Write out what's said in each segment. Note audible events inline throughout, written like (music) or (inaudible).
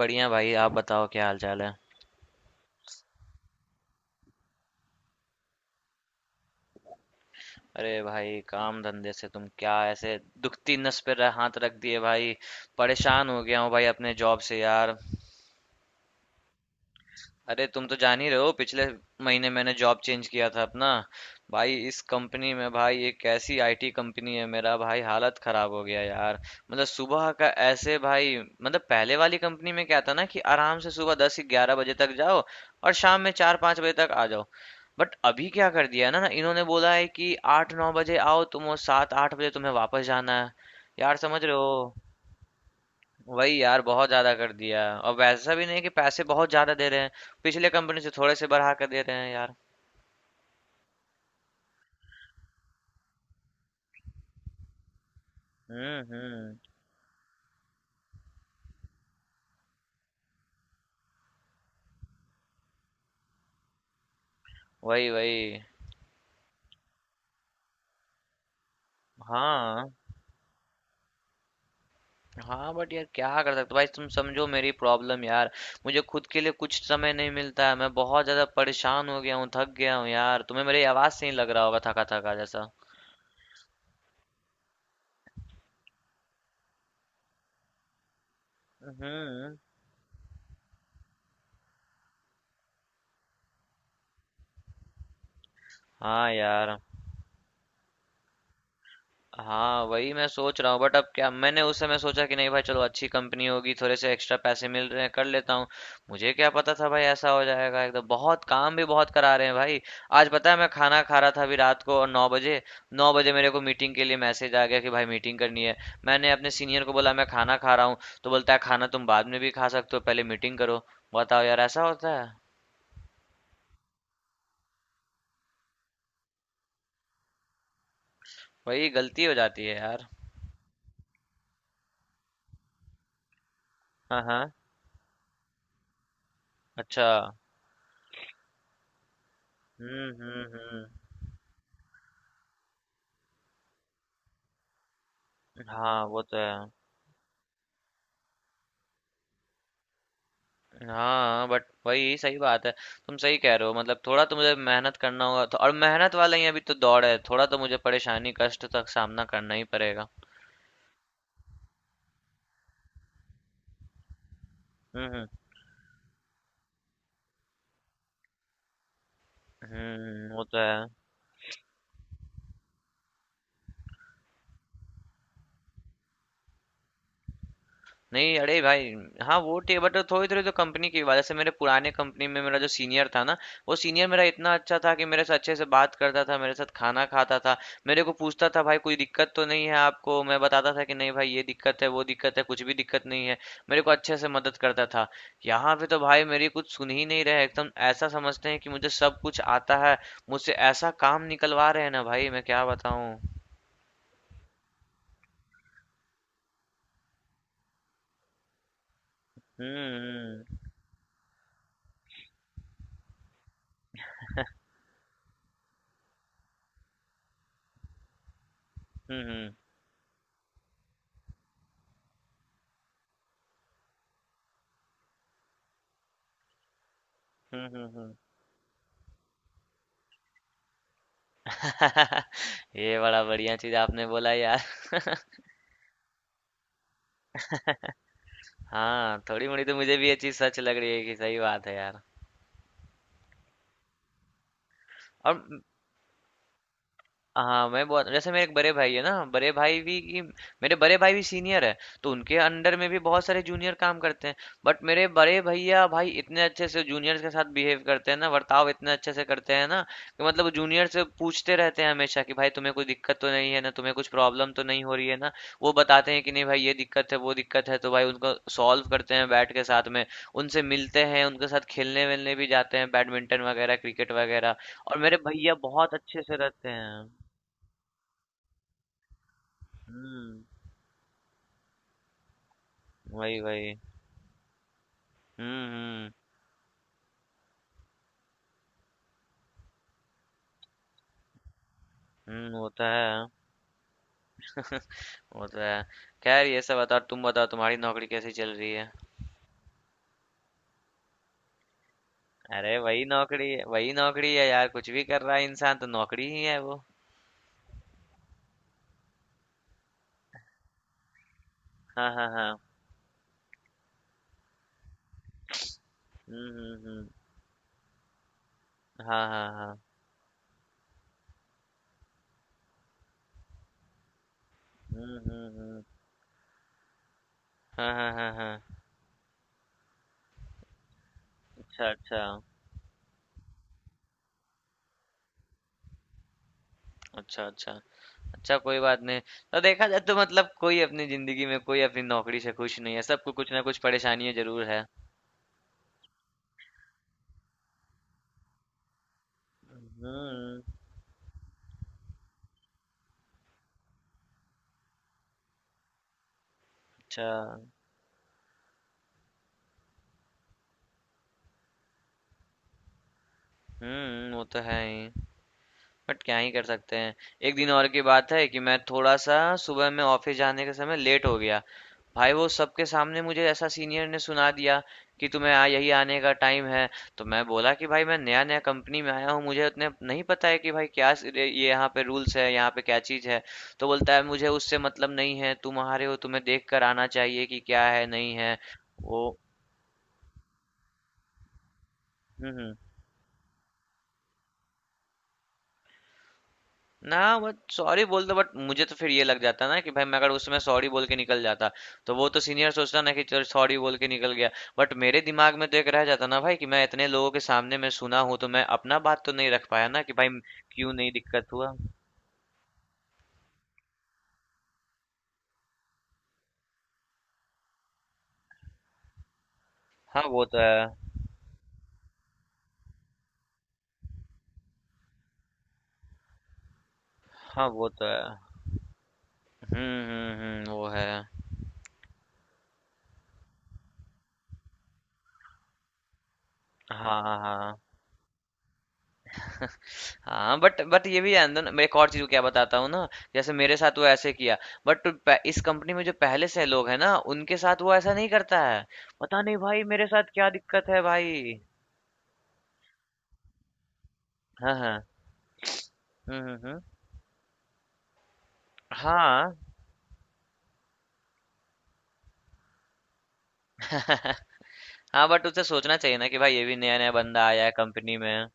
बढ़िया भाई। आप बताओ क्या हाल चाल है। अरे भाई, काम धंधे से तुम क्या ऐसे दुखती नस पे हाथ रख दिए भाई। परेशान हो गया हूँ भाई अपने जॉब से यार। अरे तुम तो जान ही रहे हो, पिछले महीने मैंने जॉब चेंज किया था अपना। भाई इस कंपनी में, भाई एक ऐसी आईटी कंपनी है, मेरा भाई हालत खराब हो गया यार। मतलब सुबह का ऐसे भाई, मतलब पहले वाली कंपनी में क्या था ना कि आराम से सुबह 10-11 बजे तक जाओ और शाम में 4-5 बजे तक आ जाओ। बट अभी क्या कर दिया है ना ना इन्होंने बोला है कि 8-9 बजे आओ तुम, वो 7-8 बजे तुम्हें वापस जाना है यार, समझ रहे हो। वही यार, बहुत ज्यादा कर दिया। और वैसा भी नहीं कि पैसे बहुत ज्यादा दे रहे हैं, पिछले कंपनी से थोड़े से बढ़ा कर दे रहे हैं यार। हम्म। वही वही। हाँ हाँ, बट यार क्या कर सकते हो भाई। तुम समझो मेरी प्रॉब्लम यार, मुझे खुद के लिए कुछ समय नहीं मिलता है। मैं बहुत ज्यादा परेशान हो गया हूँ, थक गया हूँ यार, तुम्हें मेरी आवाज से ही लग रहा होगा थका थका जैसा। हम्म। हाँ यार। हाँ, वही मैं सोच रहा हूँ। बट अब क्या, मैंने उस समय सोचा कि नहीं भाई चलो अच्छी कंपनी होगी, थोड़े से एक्स्ट्रा पैसे मिल रहे हैं, कर लेता हूँ। मुझे क्या पता था भाई ऐसा हो जाएगा, एकदम बहुत काम भी बहुत करा रहे हैं भाई। आज पता है मैं खाना खा रहा था अभी रात को, और 9 बजे, 9 बजे मेरे को मीटिंग के लिए मैसेज आ गया कि भाई मीटिंग करनी है। मैंने अपने सीनियर को बोला मैं खाना खा रहा हूँ, तो बोलता है खाना तुम बाद में भी खा सकते हो, पहले मीटिंग करो। बताओ यार ऐसा होता है। वही, गलती हो जाती है यार। हाँ हाँ। अच्छा। हम्म। हाँ वो तो है। हाँ बट वही सही बात है, तुम सही कह रहे हो। मतलब थोड़ा तो मुझे मेहनत करना होगा तो, और मेहनत वाला ही अभी तो दौड़ है, थोड़ा तो मुझे परेशानी कष्ट तक सामना करना ही पड़ेगा। हम्म हम्म वो तो है। नहीं अरे भाई। हाँ वो टे, बट थोड़ी थोड़ी तो कंपनी की बात, जैसे मेरे पुराने कंपनी में मेरा जो सीनियर था ना, वो सीनियर मेरा इतना अच्छा था कि मेरे से अच्छे से बात करता था, मेरे साथ खाना खाता था। मेरे को पूछता था भाई कोई दिक्कत तो नहीं है आपको, मैं बताता था कि नहीं भाई ये दिक्कत है वो दिक्कत है, कुछ भी दिक्कत नहीं है। मेरे को अच्छे से मदद करता था। यहाँ पे तो भाई मेरी कुछ सुन ही नहीं रहे, एकदम ऐसा समझते हैं कि मुझे सब कुछ आता है, मुझसे ऐसा काम निकलवा रहे हैं ना भाई, मैं क्या बताऊँ। हम्म हम्म हम्म हम्म। ये बड़ा बढ़िया चीज आपने बोला यार। हाँ, थोड़ी-मोड़ी तो मुझे भी ये चीज़ सच लग रही है, कि सही बात है यार। और हाँ मैं, बहुत जैसे मेरे एक बड़े भाई है ना, बड़े भाई भी की मेरे बड़े भाई भी सीनियर है, तो उनके अंडर में भी बहुत सारे जूनियर काम करते हैं। बट मेरे बड़े भैया भाई इतने अच्छे से जूनियर्स के साथ बिहेव करते हैं ना, वर्ताव इतने अच्छे से करते हैं ना, कि मतलब जूनियर से पूछते रहते हैं हमेशा कि भाई तुम्हें कोई दिक्कत तो नहीं है ना, तुम्हें कुछ प्रॉब्लम तो नहीं हो रही है ना। वो बताते हैं कि नहीं भाई ये दिक्कत है वो दिक्कत है, तो भाई उनको सॉल्व करते हैं बैठ के साथ में। उनसे मिलते हैं, उनके साथ खेलने वेलने भी जाते हैं, बैडमिंटन वगैरह, क्रिकेट वगैरह। और मेरे भैया बहुत अच्छे से रहते हैं। हम्म। वही वही। हम्म हम्म होता है, होता है। खैर ये सब बताओ, तुम बताओ तुम्हारी नौकरी कैसी चल रही है। अरे वही नौकरी है, वही नौकरी है यार, कुछ भी कर रहा है इंसान तो नौकरी ही है वो। हाँ हाँ हाँ। हम्म। हाँ हाँ हाँ। हम्म। हाँ हाँ हाँ हाँ। अच्छा अच्छा। अच्छा अच्छा। अच्छा कोई बात नहीं। तो देखा जाए तो मतलब, कोई अपनी जिंदगी में कोई अपनी नौकरी से खुश नहीं है, सबको कुछ ना कुछ परेशानियां जरूर है। हम्म। अच्छा। हम्म, वो तो है ही। बट क्या ही कर सकते हैं। एक दिन और की बात है कि मैं थोड़ा सा सुबह में ऑफिस जाने के समय लेट हो गया, भाई वो सबके सामने मुझे ऐसा सीनियर ने सुना दिया कि तुम्हें आ यही आने का टाइम है। तो मैं बोला कि भाई मैं नया नया कंपनी में आया हूँ, मुझे उतने नहीं पता है कि भाई क्या ये यहाँ पे रूल्स है, यहाँ पे क्या चीज़ है। तो बोलता है मुझे उससे मतलब नहीं है, तुम आ रहे हो तुम्हें देख कर आना चाहिए कि क्या है नहीं है। वो हम्म। ना वो सॉरी बोलता, बट मुझे तो फिर ये लग जाता ना कि भाई मैं अगर उस समय सॉरी बोल के निकल जाता, तो वो तो सीनियर सोचता ना कि चल सॉरी बोल के निकल गया। बट मेरे दिमाग में तो एक रह जाता ना भाई कि मैं इतने लोगों के सामने मैं सुना हूँ, तो मैं अपना बात तो नहीं रख पाया ना कि भाई क्यों नहीं दिक्कत हुआ। हाँ वो तो है। हाँ वो तो है। वो है। हाँ हाँ हाँ। हाँ बट ये भी आनंद, मैं एक और चीज क्या बताता हूँ ना, जैसे मेरे साथ वो ऐसे किया, बट इस कंपनी में जो पहले से लोग हैं ना उनके साथ वो ऐसा नहीं करता है। पता नहीं भाई मेरे साथ क्या दिक्कत है भाई। हाँ हाँ। हम्म हम्म हम्म। हाँ (laughs) हाँ बट उसे सोचना चाहिए ना कि भाई ये भी नया नया बंदा आया है कंपनी में।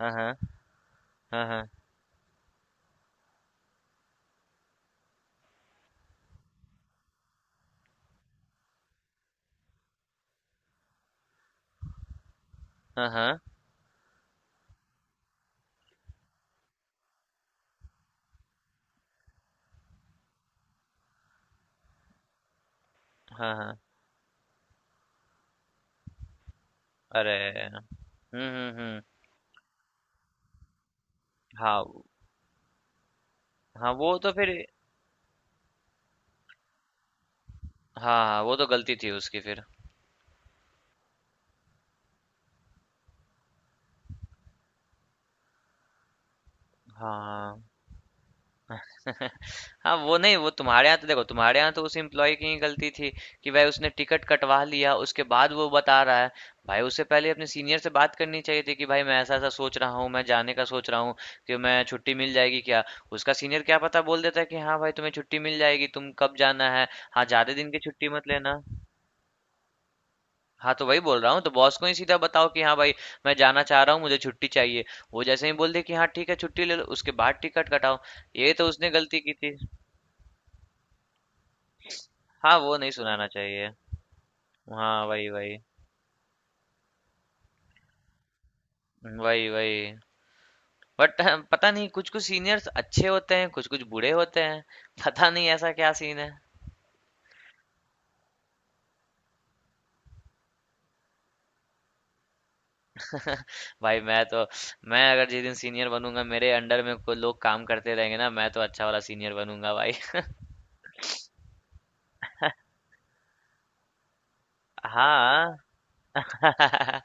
हाँ हाँ हाँ हाँ। हाँ हाँ हाँ हाँ। अरे। हम्म। हम्म। हाँ। हाँ वो तो फिर। हाँ हाँ, वो तो गलती थी उसकी फिर। हाँ (laughs) हाँ, वो नहीं, वो तुम्हारे यहाँ तो देखो, तुम्हारे यहाँ तो उस एम्प्लॉय की ही गलती थी कि भाई उसने टिकट कटवा लिया उसके बाद वो बता रहा है। भाई उससे पहले अपने सीनियर से बात करनी चाहिए थी कि भाई मैं ऐसा ऐसा सोच रहा हूँ, मैं जाने का सोच रहा हूँ, कि मैं छुट्टी मिल जाएगी क्या। उसका सीनियर क्या पता बोल देता है कि हाँ भाई तुम्हें छुट्टी मिल जाएगी, तुम कब जाना है, हाँ ज्यादा दिन की छुट्टी मत लेना। हाँ तो वही बोल रहा हूँ, तो बॉस को ही सीधा बताओ कि हाँ भाई मैं जाना चाह रहा हूँ, मुझे छुट्टी चाहिए। वो जैसे ही बोल दे कि हाँ ठीक है छुट्टी ले लो, उसके बाद टिकट कटाओ। ये तो उसने गलती की थी। हाँ वो नहीं सुनाना चाहिए। हाँ वही वही। वही वही। बट (laughs) पता नहीं कुछ कुछ सीनियर्स अच्छे होते हैं, कुछ कुछ बुरे होते हैं, पता नहीं ऐसा क्या सीन है। भाई मैं तो, मैं अगर जिस दिन सीनियर बनूंगा, मेरे अंडर में को लोग काम करते रहेंगे ना, मैं तो अच्छा वाला सीनियर बनूंगा भाई। हाँ (laughs)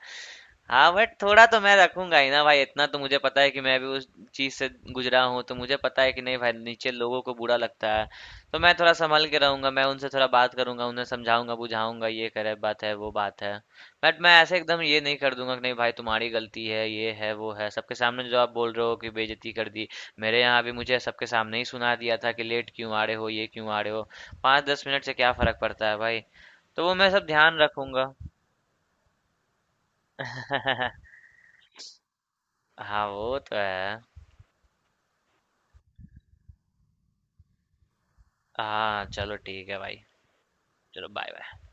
हाँ बट थोड़ा तो मैं रखूंगा ही ना भाई, इतना तो मुझे पता है कि मैं भी उस चीज से गुजरा हूँ, तो मुझे पता है कि नहीं भाई नीचे लोगों को बुरा लगता है। तो मैं थोड़ा संभल के रहूंगा, मैं उनसे थोड़ा बात करूंगा, उन्हें समझाऊंगा बुझाऊंगा, ये करे बात है वो बात है। बट मैं ऐसे एकदम ये नहीं कर दूंगा कि नहीं भाई तुम्हारी गलती है ये है वो है, सबके सामने जो आप बोल रहे हो कि बेइज्जती कर दी। मेरे यहाँ भी मुझे सबके सामने ही सुना दिया था कि लेट क्यों आ रहे हो, ये क्यों आ रहे हो, 5-10 मिनट से क्या फर्क पड़ता है भाई। तो वो मैं सब ध्यान रखूंगा। (laughs) हाँ वो तो है। हाँ चलो ठीक है भाई। चलो बाय बाय।